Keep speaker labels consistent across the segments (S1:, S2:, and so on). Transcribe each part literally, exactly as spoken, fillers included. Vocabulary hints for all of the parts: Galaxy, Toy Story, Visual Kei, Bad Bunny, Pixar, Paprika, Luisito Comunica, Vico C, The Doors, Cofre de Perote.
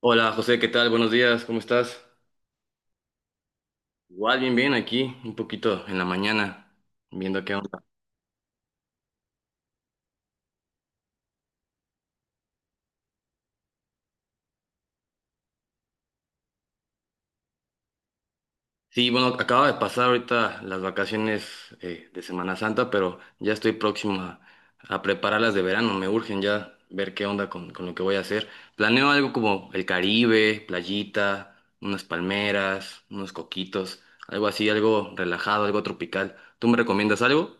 S1: Hola José, ¿qué tal? Buenos días, ¿cómo estás? Igual, bien, bien, aquí, un poquito en la mañana, viendo qué onda. Sí, bueno, acaba de pasar ahorita las vacaciones eh, de Semana Santa, pero ya estoy próximo a, a prepararlas de verano, me urgen ya ver qué onda con, con lo que voy a hacer. Planeo algo como el Caribe, playita, unas palmeras, unos coquitos, algo así, algo relajado, algo tropical. ¿Tú me recomiendas algo?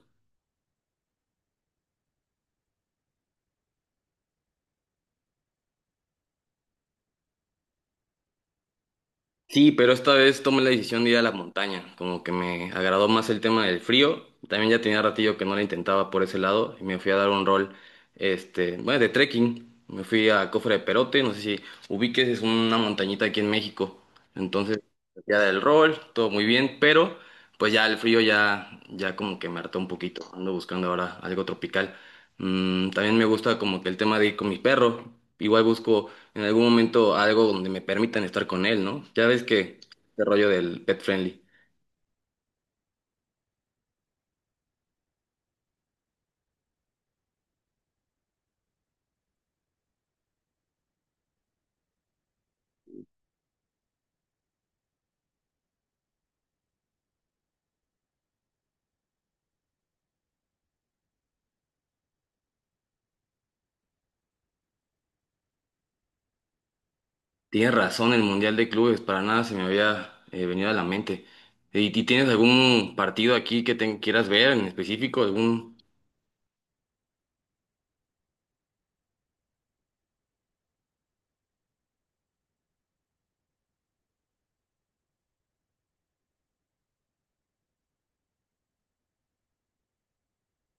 S1: Sí, pero esta vez tomé la decisión de ir a la montaña, como que me agradó más el tema del frío, también ya tenía ratillo que no la intentaba por ese lado y me fui a dar un rol, este, bueno, de trekking, me fui a Cofre de Perote, no sé si ubiques, es una montañita aquí en México, entonces ya del rol, todo muy bien, pero pues ya el frío ya, ya como que me hartó un poquito, ando buscando ahora algo tropical. Mm, también me gusta como que el tema de ir con mi perro, igual busco en algún momento algo donde me permitan estar con él, ¿no? Ya ves que este rollo del pet friendly. Tienes razón, el Mundial de Clubes, para nada se me había eh, venido a la mente. ¿Y, y tienes algún partido aquí que te quieras ver en específico? ¿Algún?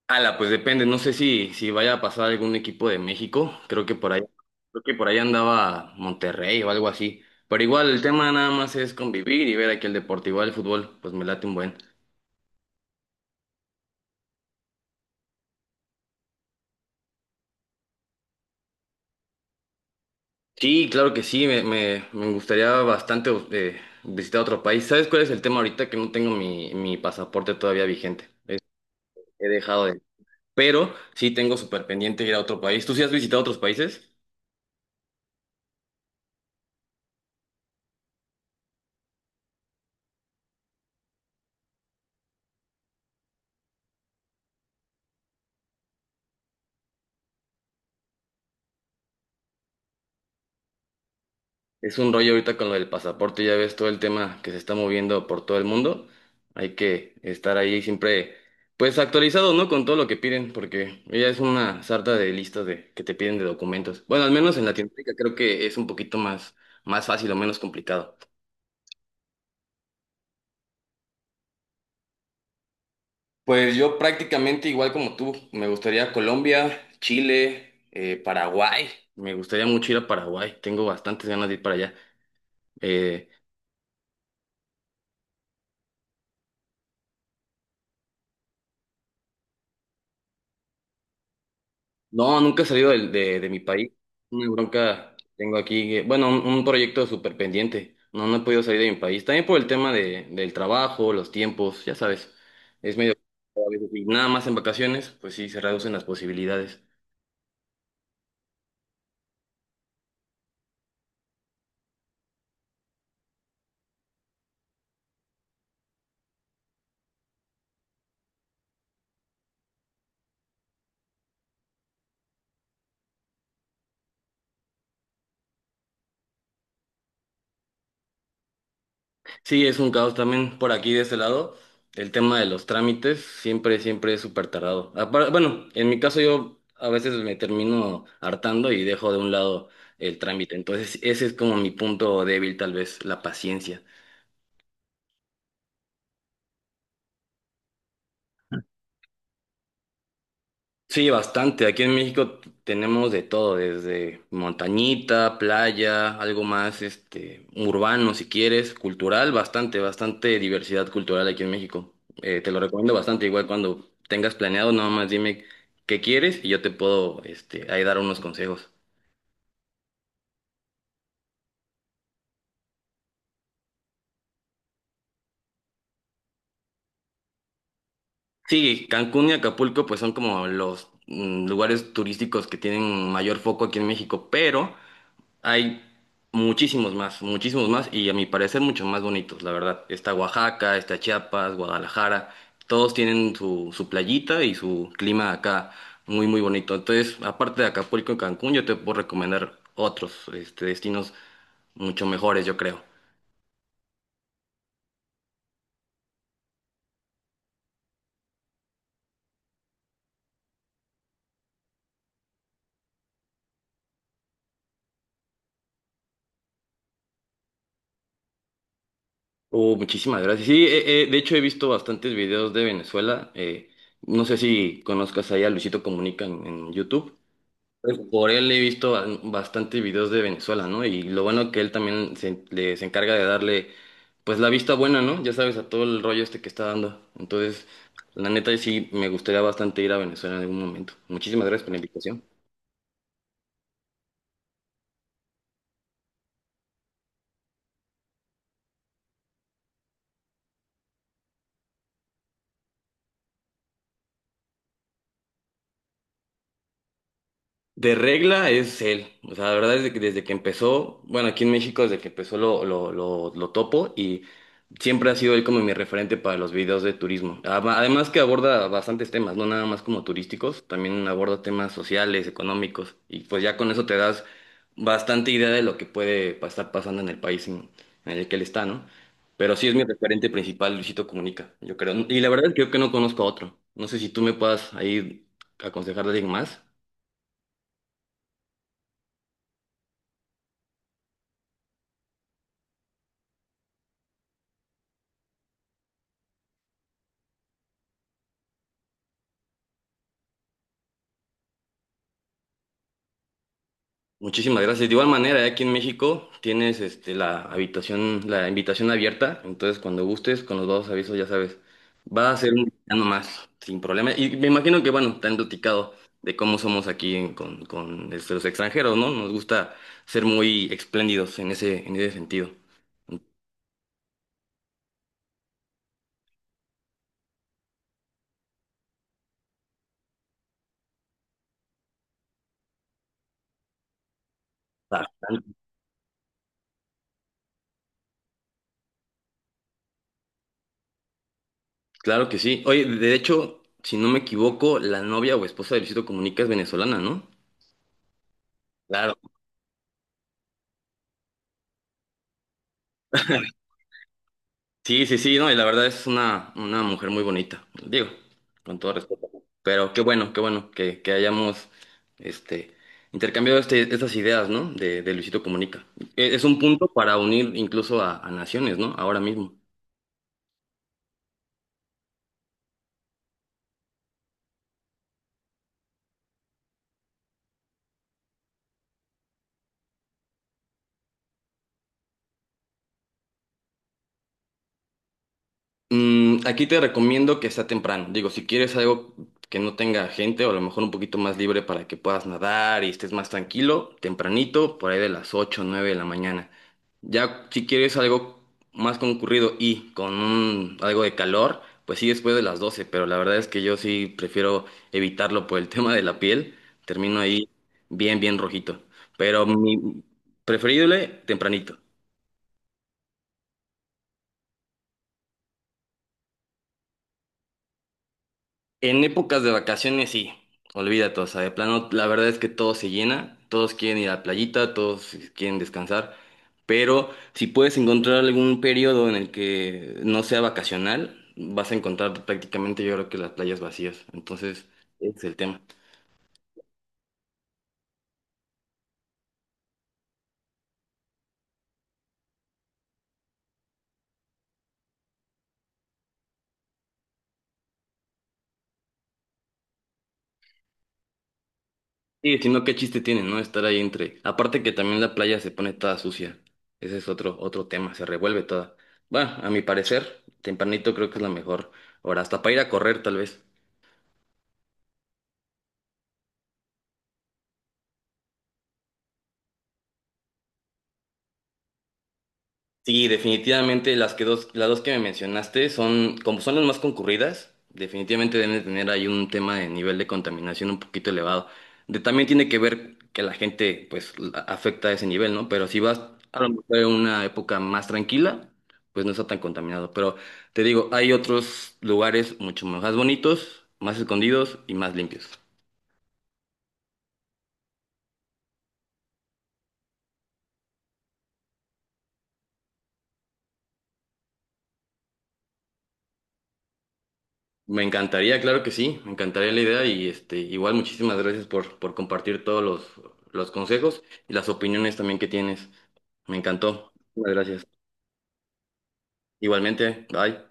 S1: Ala, pues depende, no sé si, si vaya a pasar algún equipo de México, creo que por ahí, creo que por ahí andaba Monterrey o algo así. Pero igual el tema nada más es convivir y ver aquí el deporte, igual el fútbol, pues me late un buen. Sí, claro que sí, me, me- me gustaría bastante eh, visitar otro país. ¿Sabes cuál es el tema ahorita? Que no tengo mi, mi pasaporte todavía vigente. Es- he dejado de. Pero sí tengo súper pendiente ir a otro país. ¿Tú sí has visitado otros países? Es un rollo ahorita con lo del pasaporte, ya ves todo el tema que se está moviendo por todo el mundo. Hay que estar ahí siempre, pues actualizado, ¿no? Con todo lo que piden, porque ya es una sarta de listas de, que te piden de documentos. Bueno, al menos en Latinoamérica creo que es un poquito más, más fácil o menos complicado. Pues yo prácticamente igual como tú, me gustaría Colombia, Chile, eh, Paraguay. Me gustaría mucho ir a Paraguay. Tengo bastantes ganas de ir para allá. Eh, no, nunca he salido del- de, de mi país. Una bronca tengo aquí. eh, bueno, un, un proyecto súper pendiente. No, no he podido salir de mi país. También por el tema de, del trabajo, los tiempos, ya sabes. Es medio, a veces, y nada más en vacaciones, pues sí, se reducen las posibilidades. Sí, es un caos también por aquí de ese lado. El tema de los trámites siempre, siempre es súper tardado. Apar- Bueno, en mi caso yo a veces me termino hartando y dejo de un lado el trámite. Entonces, ese es como mi punto débil, tal vez, la paciencia. Sí, bastante. Aquí en México t- tenemos de todo, desde montañita, playa, algo más, este, urbano si quieres, cultural, bastante, bastante diversidad cultural aquí en México. Eh, te lo recomiendo bastante, igual cuando tengas planeado, nada más dime qué quieres y yo te puedo, este, ahí dar unos consejos. Sí, Cancún y Acapulco pues son como los mm, lugares turísticos que tienen mayor foco aquí en México, pero hay muchísimos más, muchísimos más y a mi parecer mucho más bonitos, la verdad. Está Oaxaca, está Chiapas, Guadalajara, todos tienen su, su playita y su clima acá muy, muy bonito. Entonces, aparte de Acapulco y Cancún, yo te puedo recomendar otros este, destinos mucho mejores, yo creo. Oh, muchísimas gracias. Sí, eh, eh, de hecho he visto bastantes videos de Venezuela. eh, no sé si conozcas ahí a Luisito Comunica en en YouTube. Pues, por él he visto ba- bastante videos de Venezuela, ¿no? Y lo bueno que él también se, le- se encarga de darle, pues, la vista buena, ¿no? Ya sabes, a todo el rollo este que está dando. Entonces, la neta, sí, me gustaría bastante ir a Venezuela en algún momento. Muchísimas gracias por la invitación. De regla es él, o sea, la verdad es de que desde que empezó, bueno, aquí en México desde que empezó lo, lo, lo, lo topo y siempre ha sido él como mi referente para los videos de turismo. Ama- Además que aborda bastantes temas, no nada más como turísticos, también aborda temas sociales, económicos y pues ya con eso te das bastante idea de lo que puede pa- estar pasando en el país en, en el que él está, ¿no? Pero sí es mi referente principal, Luisito Comunica, yo creo. Y la verdad es que yo que no conozco a otro. No sé si tú me puedas ahí aconsejar de alguien más. Muchísimas gracias. De igual manera, aquí en México tienes este, la habitación, la invitación abierta. Entonces, cuando gustes, con los dos avisos, ya sabes, va a ser un mexicano más, sin problema. Y me imagino que, bueno, te han platicado de cómo somos aquí en- con, con, este, los extranjeros, ¿no? Nos gusta ser muy espléndidos en ese, en ese sentido. Bastante. Claro, claro que sí. Oye, de hecho, si no me equivoco, la novia o esposa de Luisito Comunica es venezolana, ¿no? Claro. Sí, sí, sí, no, y la verdad es una, una mujer muy bonita, digo, con todo respeto. Pero qué bueno, qué bueno que, que hayamos este, intercambiado este, estas ideas, ¿no? De, de Luisito Comunica. E- Es un punto para unir incluso a, a naciones, ¿no? Ahora mismo. Mm, aquí te recomiendo que sea temprano. Digo, si quieres algo que no tenga gente o a lo mejor un poquito más libre para que puedas nadar y estés más tranquilo, tempranito, por ahí de las ocho, o nueve de la mañana. Ya si quieres algo más concurrido y con un- algo de calor, pues sí después de las doce. Pero la verdad es que yo sí prefiero evitarlo por el tema de la piel. Termino ahí bien, bien rojito. Pero mi preferible, tempranito. En épocas de vacaciones, sí, olvídate, o sea, de plano, la verdad es que todo se llena, todos quieren ir a la playita, todos quieren descansar, pero si puedes encontrar algún periodo en el que no sea vacacional, vas a encontrar prácticamente yo creo que las playas vacías, entonces ese es el tema. Sí, si no, qué chiste tiene, ¿no? Estar ahí entre. Aparte que también la playa se pone toda sucia, ese es otro, otro tema, se revuelve toda. Bueno, a mi parecer, tempranito creo que es la mejor hora, hasta para ir a correr tal vez. Sí, definitivamente las que dos, las dos que me mencionaste son, como son las más concurridas, definitivamente deben de tener ahí un tema de nivel de contaminación un poquito elevado. De, también tiene que ver que la gente pues la- afecta a ese nivel, ¿no? Pero si vas a lo mejor en una época más tranquila, pues no está tan contaminado. Pero te digo, hay otros lugares mucho más bonitos, más escondidos y más limpios. Me encantaría, claro que sí, me encantaría la idea y este, igual muchísimas gracias por, por compartir todos los, los consejos y las opiniones también que tienes. Me encantó. Muchas gracias. Igualmente, bye.